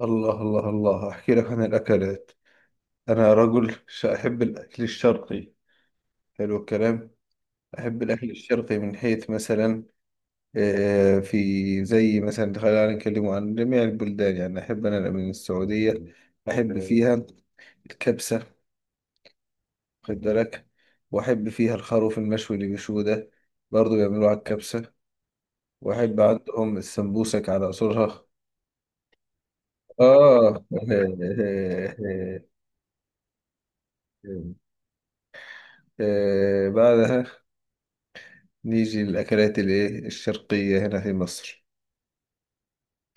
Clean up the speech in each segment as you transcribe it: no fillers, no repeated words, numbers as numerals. الله الله الله، أحكي لك عن الأكلات. أنا رجل أحب الأكل الشرقي. حلو الكلام. أحب الأكل الشرقي من حيث مثلا آه، في زي مثلا خلينا نتكلم عن جميع البلدان، يعني أحب أنا من السعودية، أحب فيها الكبسة. خد بالك، وأحب فيها الخروف المشوي اللي بيشوه ده، برضه بيعملوه على الكبسة. وأحب عندهم السمبوسك على أصولها. آه آه، بعدها نيجي للأكلات الإيه الشرقية هنا في مصر،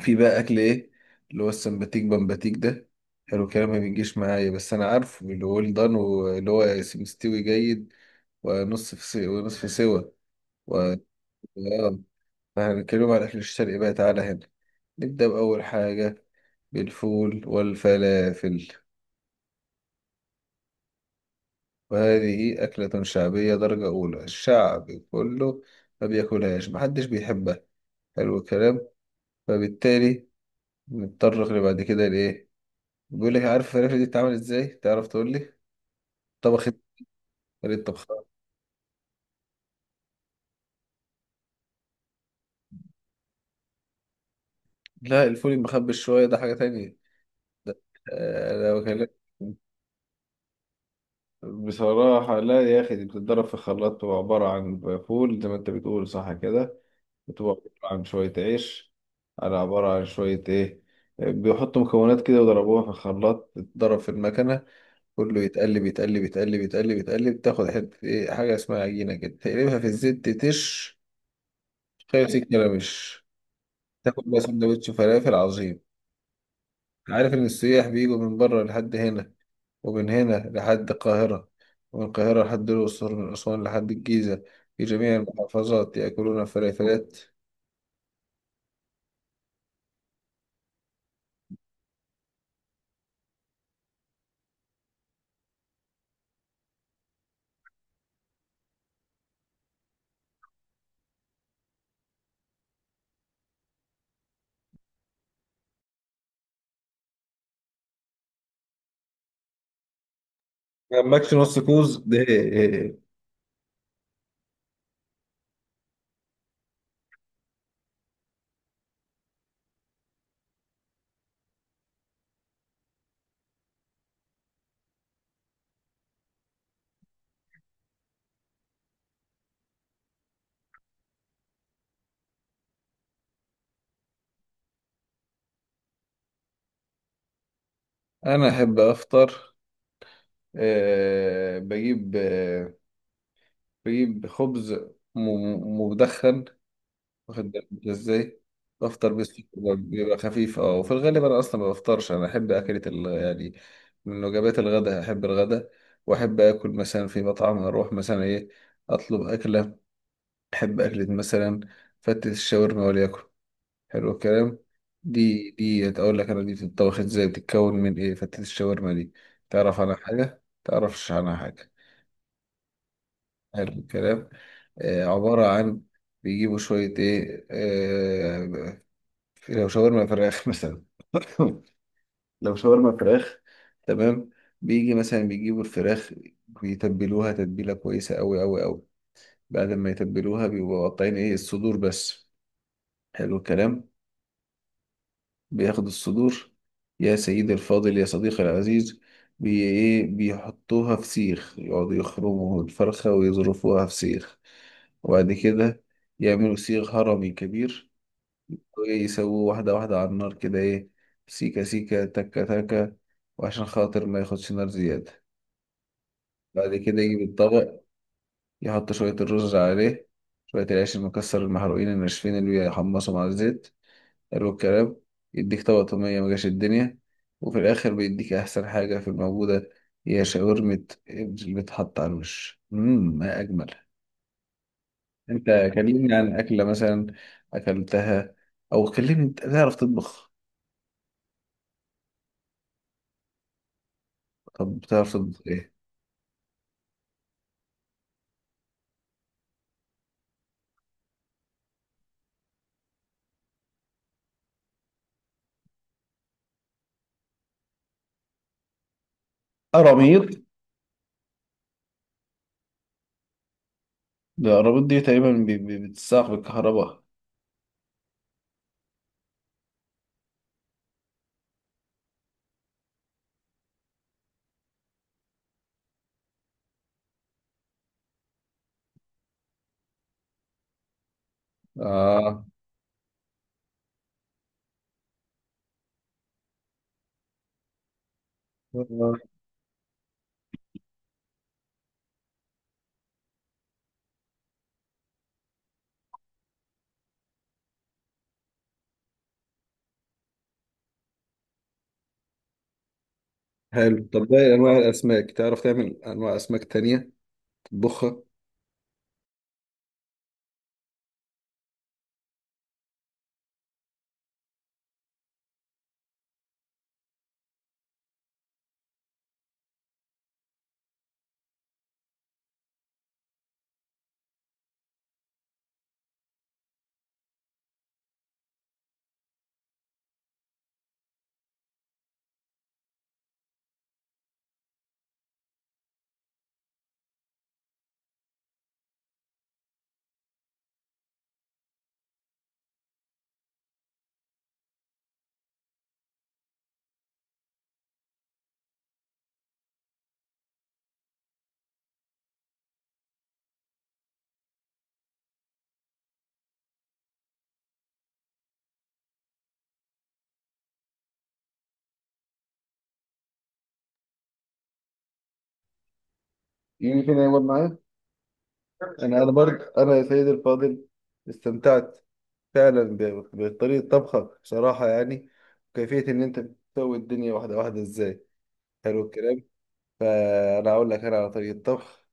في بقى أكل إيه، اللي هو السمباتيك بمباتيك ده. حلو الكلام ما بيجيش معايا، بس أنا عارفه اللي هو الدان واللي هو مستوي جيد، ونص في سوا ونصف سوا و... آه. فهنتكلم على الأكل الشرقي. بقى تعالى هنا نبدأ بأول حاجة: بالفول والفلافل. وهذه أكلة شعبية درجة أولى، الشعب كله ما بياكلهاش، محدش بيحبها. حلو الكلام. فبالتالي نضطر اللي بعد كده لإيه، بيقول لك: عارف الفلافل دي بتتعمل إزاي؟ تعرف تقول لي طبخت طريقة طبخها؟ لا، الفول المخبي شوية ده حاجة تانية. أنا بكلمك بصراحة. لا يا أخي، دي بتتضرب في خلاط، بتبقى عبارة عن فول زي ما أنت بتقول، صح كده. بتبقى عبارة عن شوية عيش، على عبارة عن شوية إيه، بيحطوا مكونات كده وضربوها في الخلاط، تتضرب في المكنة، كله يتقلب يتقلب يتقلب يتقلب يتقلب، تاخد حتة إيه، حاجة اسمها عجينة كده، تقلبها في الزيت تتش، شايف سيك ملامش، تاكل بقى سندوتش فلافل عظيم. عارف إن السياح بيجوا من بره لحد هنا، ومن هنا لحد القاهرة، ومن القاهرة لحد الأقصر، من أسوان لحد الجيزة، في جميع المحافظات يأكلون فلافلات. جنبكش نص كوز ده إيه؟ أنا أحب أفطر، بجيب خبز مدخن، واخد بالك إنت ازاي، بفطر بيسكوت، بيبقى خفيف. اه، وفي الغالب انا اصلا ما بفطرش، انا احب اكلة يعني من وجبات الغداء، احب الغداء، واحب اكل مثلا في مطعم، اروح مثلا ايه اطلب اكلة، احب اكلة مثلا فتة الشاورما وليكن. حلو الكلام. دي اقول لك، انا دي بتتطبخ ازاي، بتتكون من ايه فتة الشاورما دي؟ تعرف عنها حاجة تعرفش عنها حاجة؟ حلو الكلام. آه، عبارة عن، بيجيبوا شوية إيه، لو شاورما فراخ مثلا لو شاورما فراخ، تمام، بيجي مثلا بيجيبوا الفراخ، بيتبلوها تتبيلة كويسة أوي أوي أوي. بعد ما يتبلوها بيبقوا قاطعين إيه الصدور بس. حلو الكلام. بياخدوا الصدور، يا سيدي الفاضل يا صديقي العزيز، بي إيه بيحطوها في سيخ، يقعدوا يخرموا الفرخة ويظرفوها في سيخ، وبعد كده يعملوا سيخ هرمي كبير، ويسووه واحدة واحدة على النار كده ايه، سيكة سيكة تكة تكة، وعشان خاطر ما ياخدش نار زيادة. بعد كده يجيب الطبق، يحط شوية الرز عليه، شوية العيش المكسر المحروقين الناشفين اللي بيحمصوا مع الزيت. حلو الكلام. يديك طبق طومية مجاش الدنيا، وفي الآخر بيديك أحسن حاجة في الموجودة، هي شاورمة اللي بتحط على الوش. مم، ما أجمل. أنت كلمني عن أكلة مثلا أكلتها، أو كلمني أنت بتعرف تطبخ؟ طب بتعرف تطبخ إيه؟ قراميط، ده قراميط دي تقريبا بتتساق بالكهرباء. آه. آه. حلو، طب باقي أنواع الأسماك تعرف تعمل أنواع أسماك تانية تطبخها؟ يمكن يقعد معايا. انا برضه انا يا سيدي الفاضل استمتعت فعلا بطريقه طبخك بصراحه، يعني، وكيفيه ان انت بتسوي الدنيا واحده واحده ازاي. حلو الكلام. فانا اقول لك انا على طريقه طبخ،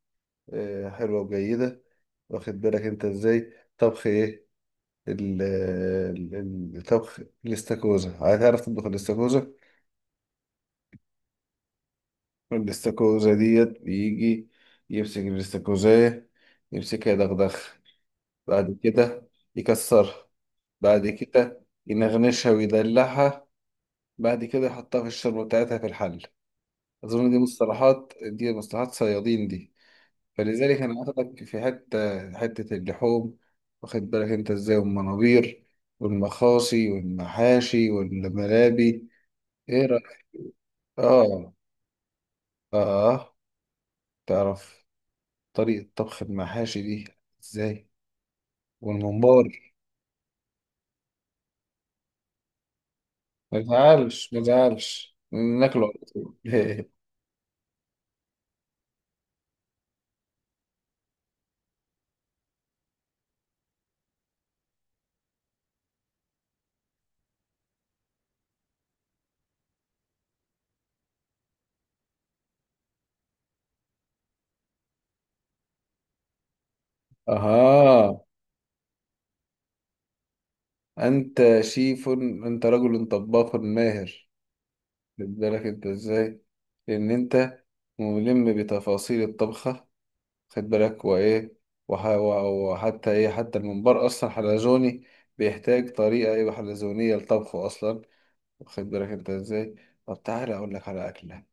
حلوه وجيده، واخد بالك انت ازاي طبخ ايه. الطبخ الاستاكوزا، هتعرف تطبخ الاستاكوزا؟ الاستاكوزا ديت بيجي يمسك الاستاكوزاية، يمسكها يدغدغ، بعد كده يكسرها، بعد كده ينغنشها ويدلعها، بعد كده يحطها في الشوربة بتاعتها في الحل. أظن دي مصطلحات، دي مصطلحات صيادين دي. فلذلك أنا واخدك في حتة حتة اللحوم، واخد بالك أنت إزاي، والمنابير والمخاصي والمحاشي والملابي. إيه رأيك؟ اه، اه، تعرف طريقة طبخ المحاشي دي ازاي والممبار؟ ما تزعلش ما تزعلش، ناكله على طول اها. انت شيف، انت رجل طباخ ماهر، خد بالك انت ازاي، لان انت ملم بتفاصيل الطبخة. خد بالك، وايه، وحتى ايه، حتى الممبار اصلا حلزوني، بيحتاج طريقة ايه حلزونية لطبخه اصلا. واخد بالك انت ازاي. طب تعالى اقول لك على اكله،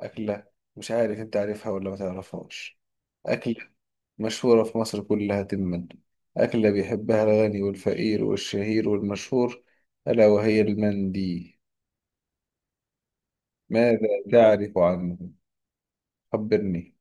اكله مش عارف انت عارفها ولا ما تعرفهاش، اكله مشهوره في مصر كلها تما، اكله بيحبها الغني والفقير والشهير والمشهور، الا وهي المندي. ماذا تعرف عنه؟ خبرني.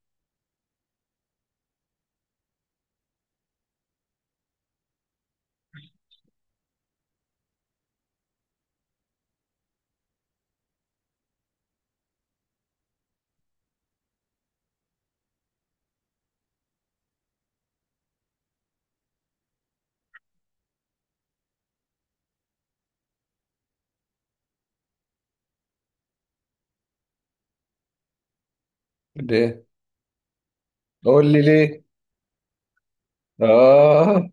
ليه؟ قول لي ليه. اه.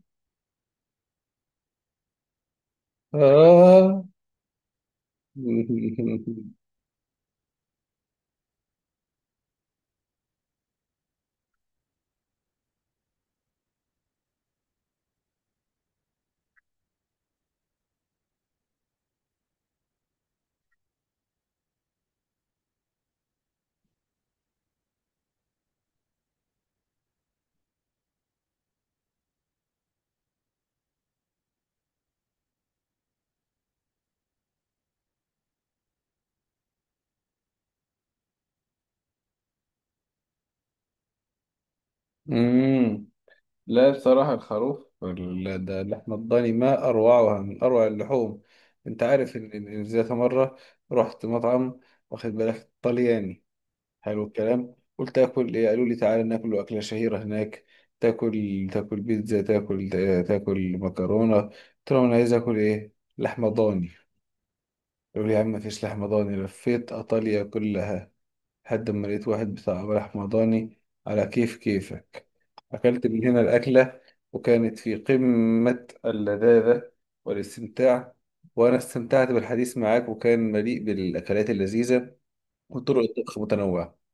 اه. مم. لا، بصراحة الخروف ده، اللحمة الضاني ما أروعها، من أروع اللحوم. أنت عارف إن إن ذات مرة رحت مطعم، واخد بالك، طلياني. حلو الكلام. قلت آكل إيه، قالوا لي تعالى ناكل أكلة شهيرة هناك، تاكل تاكل بيتزا، تاكل تاكل مكرونة، قلت لهم أنا عايز آكل إيه، لحمة ضاني. قالوا لي يا عم مفيش لحمة ضاني. لفيت إيطاليا كلها لحد ما لقيت واحد بتاع رحمضاني على كيف كيفك. أكلت من هنا الأكلة، وكانت في قمة اللذاذة والاستمتاع. وأنا استمتعت بالحديث معك وكان مليء بالأكلات اللذيذة، وطرق الطبخ متنوعة.